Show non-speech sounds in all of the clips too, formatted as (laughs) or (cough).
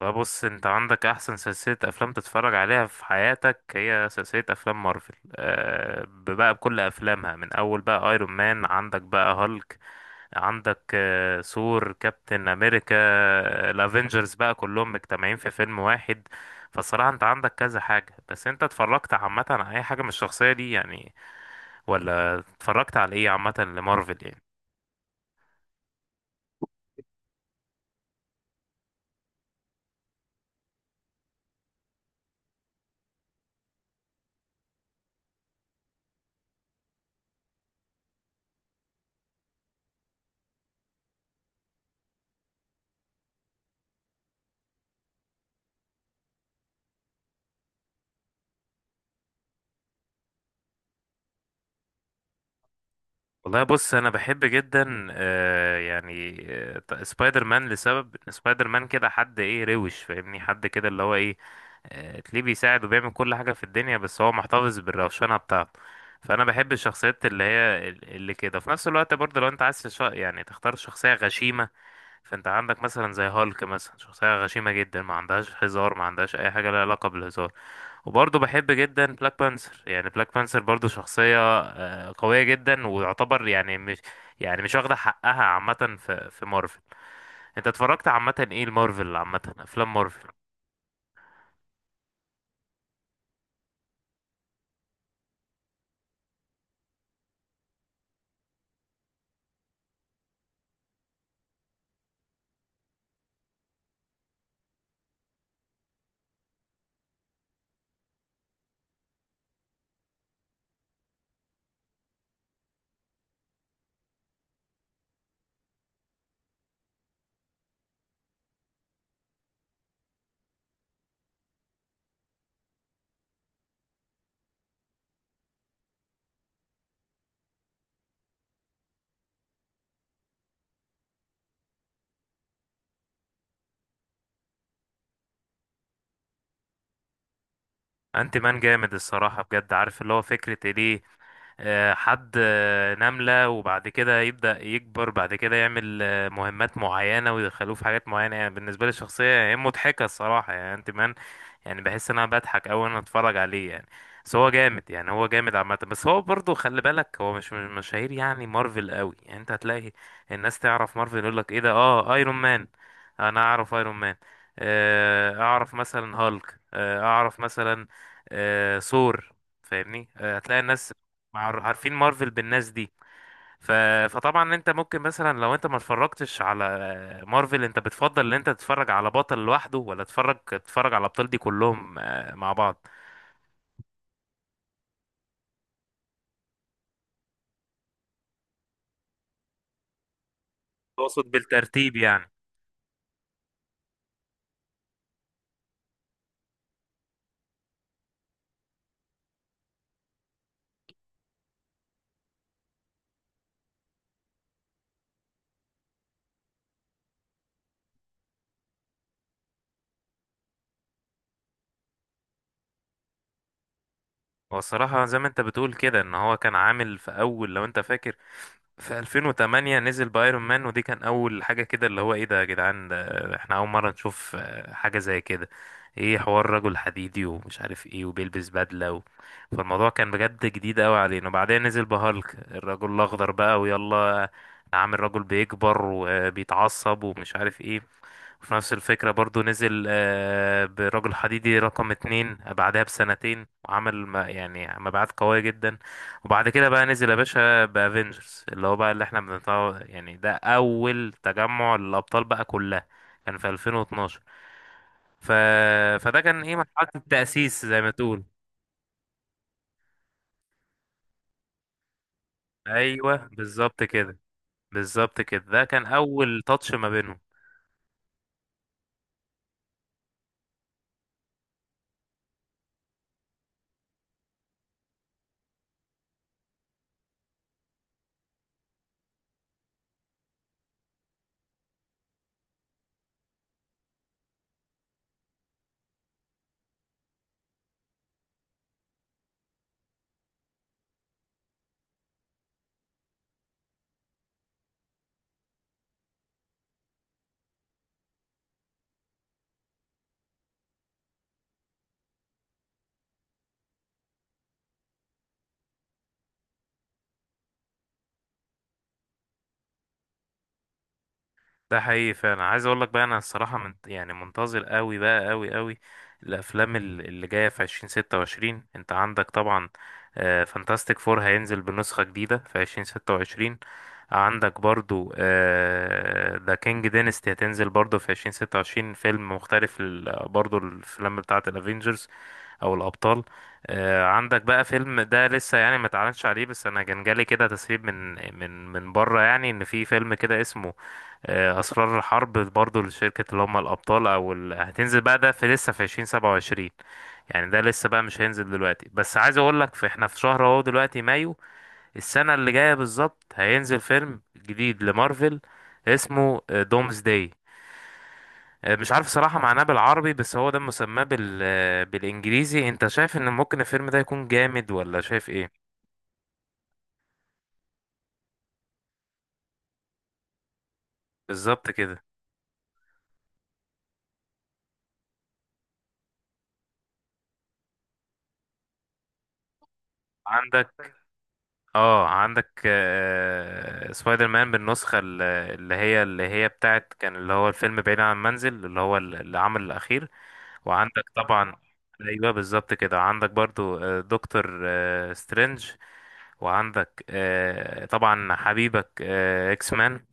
فبص، انت عندك احسن سلسلة افلام تتفرج عليها في حياتك، هي سلسلة افلام مارفل، بقى بكل افلامها، من اول بقى ايرون مان، عندك بقى هالك، عندك ثور، كابتن امريكا، الافينجرز بقى كلهم مجتمعين في فيلم واحد. فالصراحة انت عندك كذا حاجة، بس انت اتفرجت عامة على اي حاجة من الشخصية دي يعني؟ ولا اتفرجت على ايه عامة لمارفل يعني؟ والله بص، انا بحب جدا، يعني، سبايدر مان، لسبب إن سبايدر مان كده حد ايه روش، فاهمني؟ حد كده اللي هو ايه، تلاقيه بيساعد وبيعمل كل حاجة في الدنيا، بس هو محتفظ بالروشنة بتاعته. فانا بحب الشخصيات اللي كده في نفس الوقت، برضه لو انت عايز يعني تختار شخصية غشيمة، فانت عندك مثلا زي هالك مثلا، شخصية غشيمة جدا، ما عندهاش هزار، ما عندهاش اي حاجة لها علاقة بالهزار. وبرضه بحب جدا بلاك بانثر، يعني بلاك بانثر برضه شخصية قوية جدا، ويعتبر يعني مش واخدة حقها عامة في مارفل. انت اتفرجت عامة ايه المارفل؟ عامة افلام مارفل؟ انت مان جامد الصراحة، بجد. عارف اللي هو فكرة إيه؟ ليه حد نملة وبعد كده يبدأ يكبر، بعد كده يعمل مهمات معينة ويدخلوه في حاجات معينة، يعني بالنسبة لي الشخصية هي مضحكة الصراحة، يعني انت مان. يعني بحس ان انا بضحك اوي وانا اتفرج عليه يعني. بس هو جامد يعني، هو جامد عامة، بس هو برضه خلي بالك هو مش مشاهير يعني مارفل قوي، يعني انت هتلاقي الناس تعرف مارفل، يقول لك ايه ده؟ اه ايرون مان، انا اعرف ايرون مان، اعرف مثلا هالك، اعرف مثلا ثور، فاهمني؟ هتلاقي الناس مع عارفين مارفل بالناس دي. ف... فطبعا انت ممكن مثلا لو انت ما اتفرجتش على مارفل، انت بتفضل ان انت تتفرج على بطل لوحده، ولا تتفرج على الابطال دي كلهم مع بعض؟ اقصد بالترتيب يعني. هو الصراحة زي ما انت بتقول كده، ان هو كان عامل في اول، لو انت فاكر في 2008 نزل بايرون مان، ودي كان اول حاجه كده اللي هو ايه ده يا جدعان، ده احنا اول مره نشوف حاجه زي كده، ايه، حوار رجل حديدي ومش عارف ايه، وبيلبس بدله فالموضوع كان بجد جديد قوي علينا، وبعدين نزل بهالك الرجل الاخضر بقى، ويلا، عامل رجل بيكبر وبيتعصب ومش عارف ايه. وفي نفس الفكرة برضو نزل برجل حديدي رقم اتنين بعدها بسنتين، وعمل يعني مبيعات قوية جدا. وبعد كده بقى نزل يا باشا بافنجرز اللي هو بقى اللي احنا بنطلع، يعني ده اول تجمع للابطال بقى كلها، كان في 2012. ف... فده كان ايه، مرحله التاسيس زي ما تقول. ايوه بالظبط كده، بالظبط كده، ده كان اول تاتش ما بينهم. ده حقيقي فعلا. عايز اقول لك بقى، انا الصراحه من يعني منتظر قوي بقى، قوي قوي، الافلام اللي جايه في 2026، انت عندك طبعا فانتاستيك فور هينزل بنسخه جديده في 2026، عندك برضو ذا كينج دينستي هتنزل برضو في 2026، فيلم مختلف برضو الافلام بتاعه الافينجرز او الابطال. عندك بقى فيلم ده لسه يعني ما اتعلنش عليه، بس انا كان جالي كده تسريب من بره، يعني ان في فيلم كده اسمه اسرار الحرب برضو لشركة اللي هم الابطال او هتنزل بقى ده، في لسه في 2027، يعني ده لسه بقى مش هينزل دلوقتي، بس عايز اقول لك، في احنا في شهر اهو دلوقتي مايو، السنة اللي جاية بالظبط هينزل فيلم جديد لمارفل اسمه دومز داي، مش عارف صراحة معناه بالعربي، بس هو ده مسماه بالانجليزي. انت شايف ان ممكن الفيلم ده يكون جامد، ولا شايف ايه؟ بالظبط كده. عندك اه عندك سبايدر مان بالنسخة اللي هي بتاعت كان، اللي هو الفيلم بعيد عن المنزل، اللي هو العمل الأخير. وعندك طبعا. أيوه بالظبط كده، عندك برضو دكتور سترينج، وعندك طبعا حبيبك اكس مان،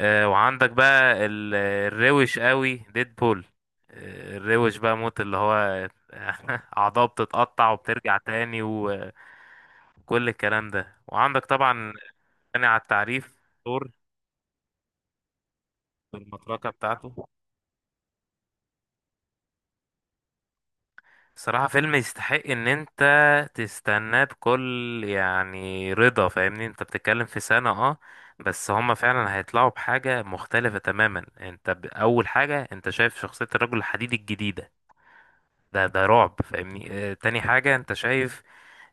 وعندك بقى الروش قوي ديدبول، الروش بقى موت، اللي هو (laughs) أعضاء بتتقطع وبترجع تاني وكل الكلام ده. وعندك طبعا، غني على التعريف، دور المطرقة بتاعته. صراحة فيلم يستحق ان انت تستناه بكل يعني رضا، فاهمني؟ انت بتتكلم في سنة بس هما فعلا هيطلعوا بحاجة مختلفة تماما. انت اول حاجة، انت شايف شخصية الرجل الحديد الجديدة، ده رعب، فاهمني؟ اه تاني حاجة، انت شايف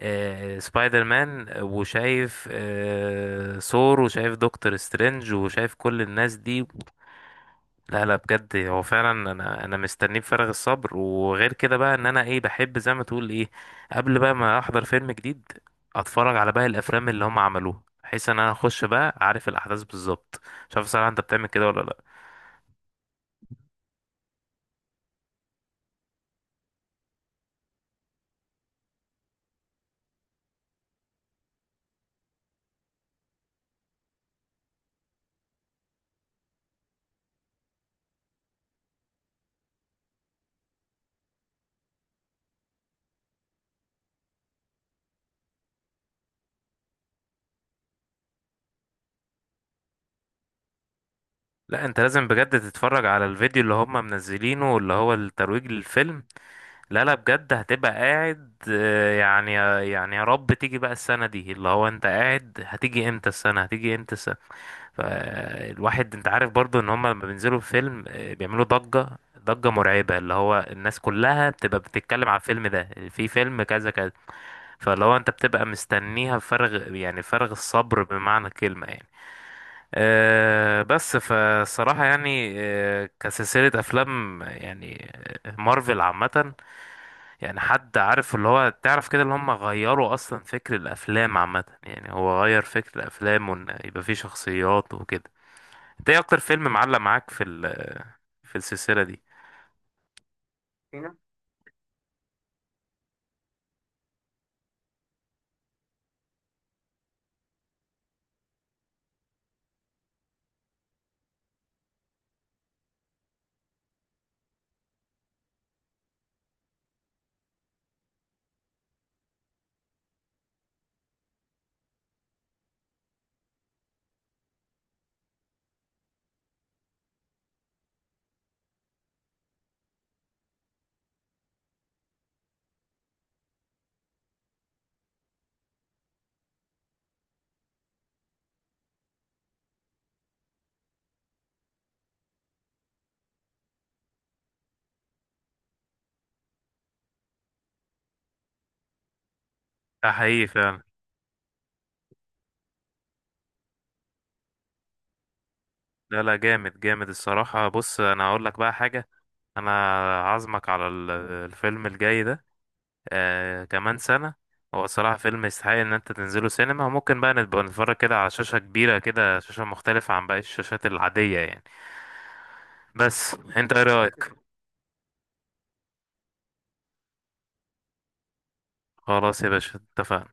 سبايدر مان، وشايف ثور، وشايف دكتور سترينج، وشايف كل الناس دي. لا لا، بجد هو فعلا. انا مستنيه بفارغ الصبر، وغير كده بقى ان انا ايه، بحب زي ما تقول ايه، قبل بقى ما احضر فيلم جديد، اتفرج على باقي الافلام اللي هم عملوها، بحيث ان انا اخش بقى عارف الاحداث بالظبط. مش عارف صراحه، انت بتعمل كده ولا لا؟ لا، انت لازم بجد تتفرج على الفيديو اللي هم منزلينه، اللي هو الترويج للفيلم. لا لا بجد، هتبقى قاعد يا رب تيجي بقى السنه دي، اللي هو انت قاعد هتيجي امتى السنه، هتيجي امتى السنه. فالواحد انت عارف برضو ان هما لما بينزلوا في فيلم بيعملوا ضجة، ضجة مرعبة، اللي هو الناس كلها بتبقى بتتكلم على الفيلم ده، في فيلم كذا كذا، فاللي هو انت بتبقى مستنيها بفارغ يعني، فارغ الصبر، بمعنى الكلمة يعني. بس فالصراحة يعني كسلسلة أفلام يعني مارفل عامة، يعني حد عارف اللي هو تعرف كده اللي هم غيروا أصلا فكر الأفلام عامة، يعني هو غير فكر الأفلام، وإن يبقى فيه شخصيات وكده. انت ايه اكتر فيلم معلق معاك في السلسلة دي؟ في ناس- ده حقيقي فعلا. لا لا، جامد جامد الصراحة. بص انا هقول لك بقى حاجة، انا عازمك على الفيلم الجاي ده، كمان سنة. هو صراحة فيلم يستحق ان انت تنزله سينما، ممكن بقى نبقى نتفرج كده على شاشة كبيرة كده، شاشة مختلفة عن باقي الشاشات العادية يعني. بس انت ايه رأيك؟ خلاص يا باشا، اتفقنا.